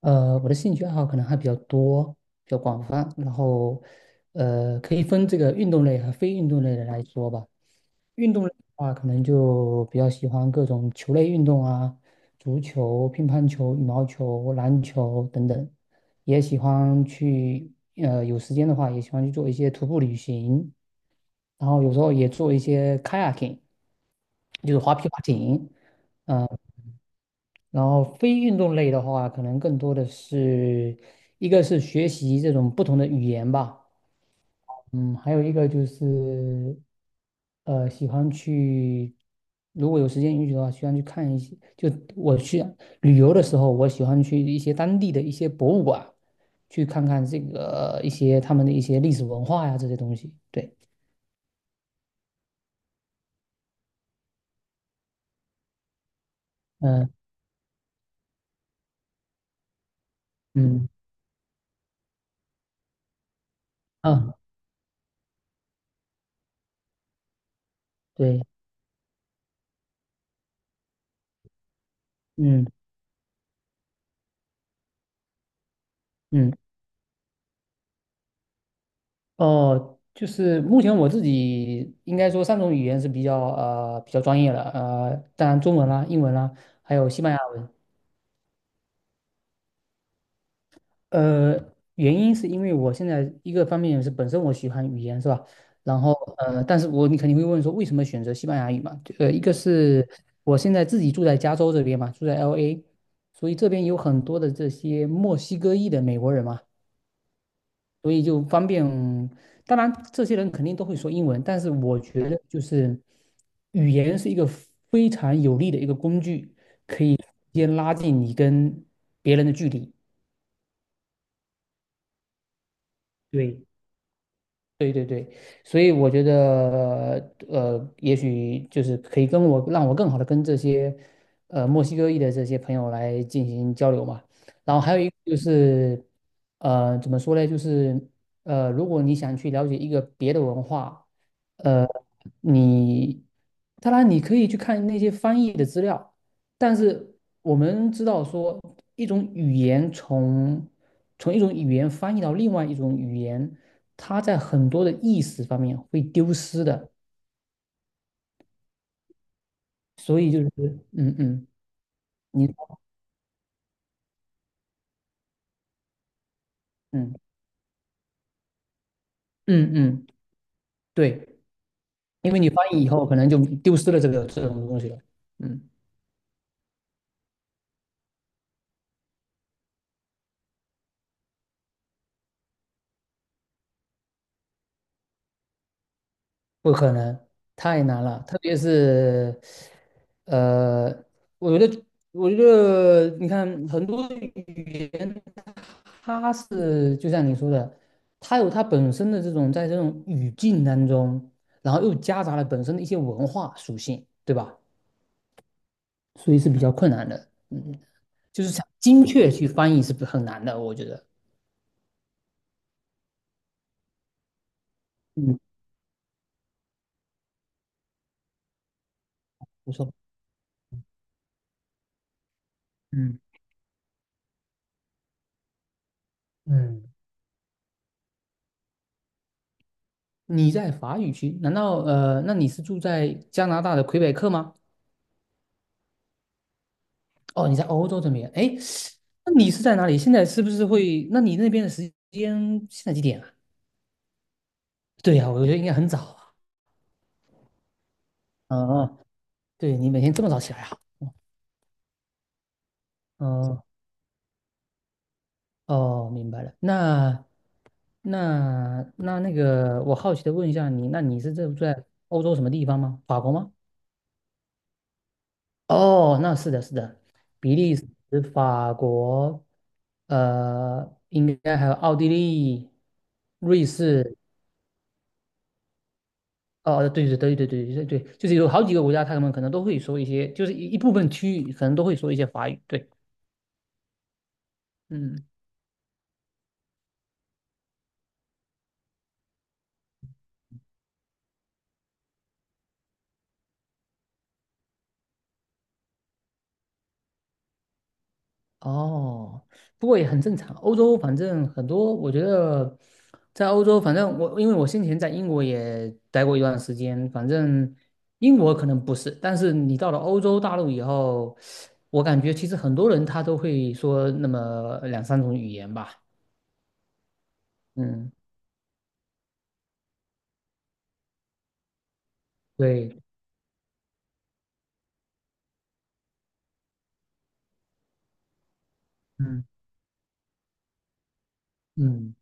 我的兴趣爱好可能还比较多，比较广泛，然后可以分这个运动类和非运动类的来说吧。运动类的话，可能就比较喜欢各种球类运动啊，足球、乒乓球、羽毛球、篮球等等，也喜欢去呃，有时间的话也喜欢去做一些徒步旅行，然后有时候也做一些 kayaking，就是划皮划艇。然后非运动类的话，可能更多的是一个是学习这种不同的语言吧，嗯，还有一个就是喜欢去，如果有时间允许的话，喜欢去看一些，就我去旅游的时候，我喜欢去一些当地的一些博物馆，去看看这个一些他们的一些历史文化呀这些东西。对，嗯嗯啊，对，嗯嗯。哦，就是目前我自己应该说三种语言是比较专业的，当然中文啦、英文啦，还有西班牙文。呃，原因是因为我现在一个方面是本身我喜欢语言是吧？然后但是你肯定会问说为什么选择西班牙语嘛？一个是我现在自己住在加州这边嘛，住在 LA，所以这边有很多的这些墨西哥裔的美国人嘛。所以就方便。当然，这些人肯定都会说英文，但是我觉得就是语言是一个非常有利的一个工具，先拉近你跟别人的距离。对，对对对，所以我觉得，也许就是可以让我更好的跟这些，墨西哥裔的这些朋友来进行交流嘛。然后还有一个就是，怎么说呢？就是，如果你想去了解一个别的文化，呃，你当然你可以去看那些翻译的资料，但是我们知道说一种语言从一种语言翻译到另外一种语言，它在很多的意思方面会丢失的，所以就是嗯嗯，你嗯嗯嗯，对，因为你翻译以后可能就丢失了这个这种东西了，嗯。不可能，太难了。特别是，呃，我觉得，我觉得，你看很多语言，它是就像你说的，它有它本身的这种在这种语境当中，然后又夹杂了本身的一些文化属性，对吧？所以是比较困难的。嗯，就是想精确去翻译是不很难的，我觉得。嗯，不错。嗯嗯，你在法语区？难道那你是住在加拿大的魁北克吗？哦，你在欧洲这边，哎，那你是在哪里？现在是不是会？那你那边的时间现在几点啊？对呀，我觉得应该很早啊。嗯嗯，对你每天这么早起来啊？嗯，哦，明白了。那个，我好奇的问一下你，那你是住在欧洲什么地方吗？法国吗？哦，那是的，是的，比利时、法国，应该还有奥地利、瑞士，哦，对对对对对对对，就是有好几个国家，他们可能都会说一些，就是一部分区域可能都会说一些法语。对，嗯，哦，不过也很正常。欧洲反正很多，我觉得在欧洲，反正我因为我先前在英国也待过一段时间，反正英国可能不是，但是你到了欧洲大陆以后，我感觉其实很多人他都会说那么两三种语言吧。嗯，对，嗯嗯，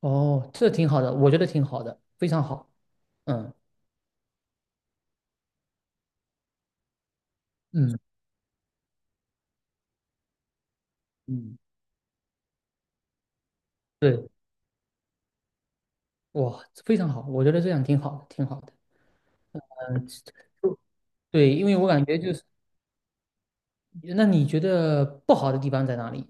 哦，这挺好的，我觉得挺好的，非常好。嗯嗯嗯，对，哇，非常好，我觉得这样挺好的，挺好的。嗯，对，因为我感觉就是，那你觉得不好的地方在哪里？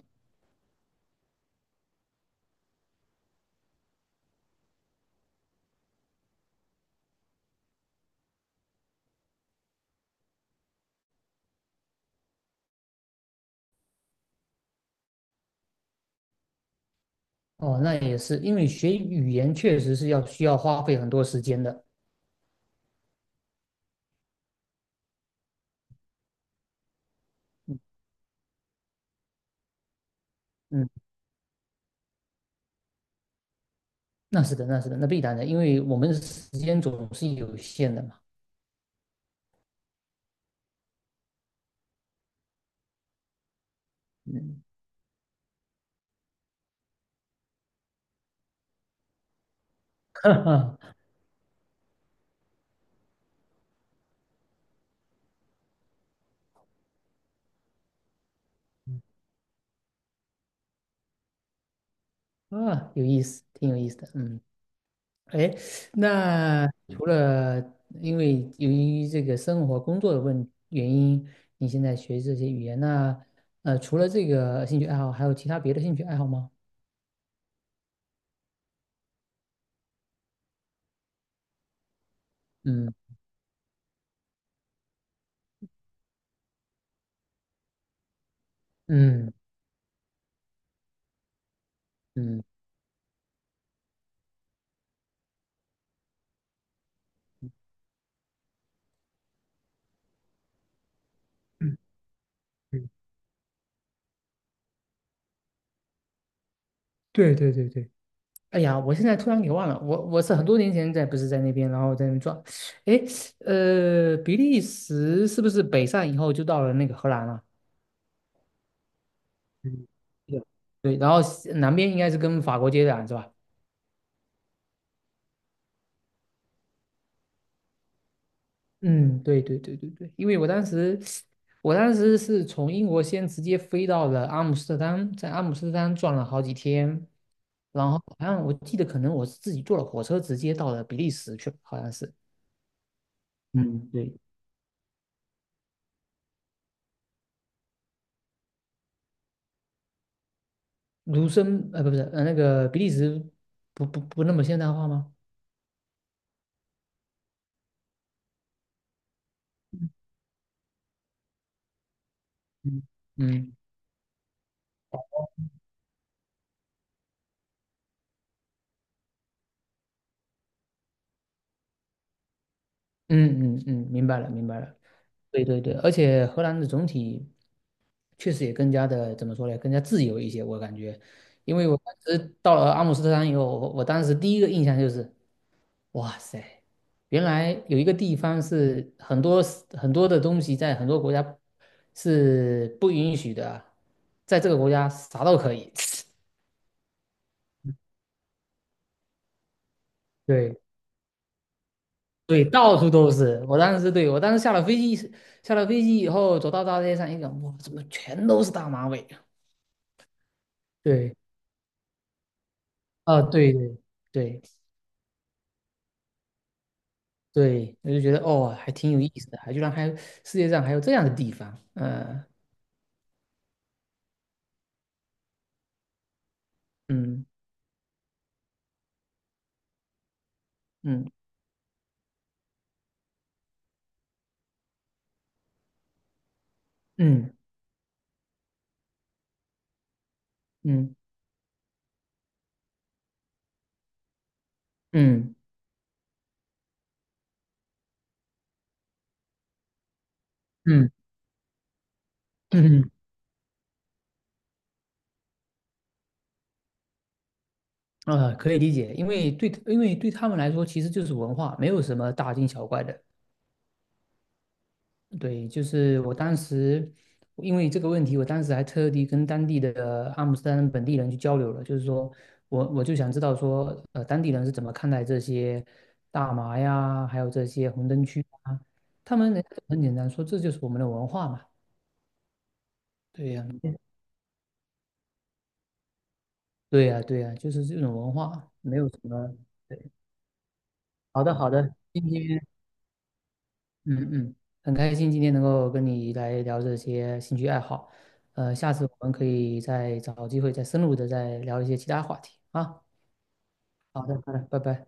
哦，那也是，因为学语言确实是需要花费很多时间的。嗯，那是的，那是的，那必然的，因为我们时间总是有限的嘛。哈哈，啊，有意思，挺有意思的。嗯。哎，那除了由于这个生活工作的原因，你现在学这些语言，那除了这个兴趣爱好，还有其他别的兴趣爱好吗？嗯嗯嗯嗯嗯，对对对对，哎呀，我现在突然给忘了，我是很多年前不是在那边，然后在那边转，哎，比利时是不是北上以后就到了那个荷兰了？嗯，对，对，然后西南边应该是跟法国接壤是吧？嗯，对对对对对，因为我当时是从英国先直接飞到了阿姆斯特丹，在阿姆斯特丹转了好几天，然后好像我记得可能我是自己坐了火车直接到了比利时去了好像是。嗯，对，卢森，呃，不是，呃，那个比利时不那么现代化吗？嗯嗯嗯嗯嗯，明白了明白了。对对对，而且荷兰的总体。确实也更加的怎么说呢，更加自由一些。我感觉，因为我当时到了阿姆斯特丹以后，我当时第一个印象就是，哇塞，原来有一个地方是很多很多的东西在很多国家是不允许的啊在这个国家啥都可以。对对，到处都是。我当时下了飞机，下了飞机以后走到大街上一看，哇，怎么全都是大马尾啊对啊，对对对，对，我就觉得哦，还挺有意思的，还居然还有世界上还有这样的地方，嗯嗯嗯嗯嗯嗯嗯，可以理解，因为对他们来说，其实就是文化，没有什么大惊小怪的。对，就是我当时因为这个问题，我当时还特地跟当地的阿姆斯特丹本地人去交流了，就是说我就想知道说，当地人是怎么看待这些大麻呀，还有这些红灯区啊？他们人家就很简单说，这就是我们的文化嘛。对呀，对呀，对呀，就是这种文化，没有什么。对，好的，好的，今天嗯嗯，很开心今天能够跟你来聊这些兴趣爱好，下次我们可以再找机会再深入的再聊一些其他话题啊。好的，好的，拜拜。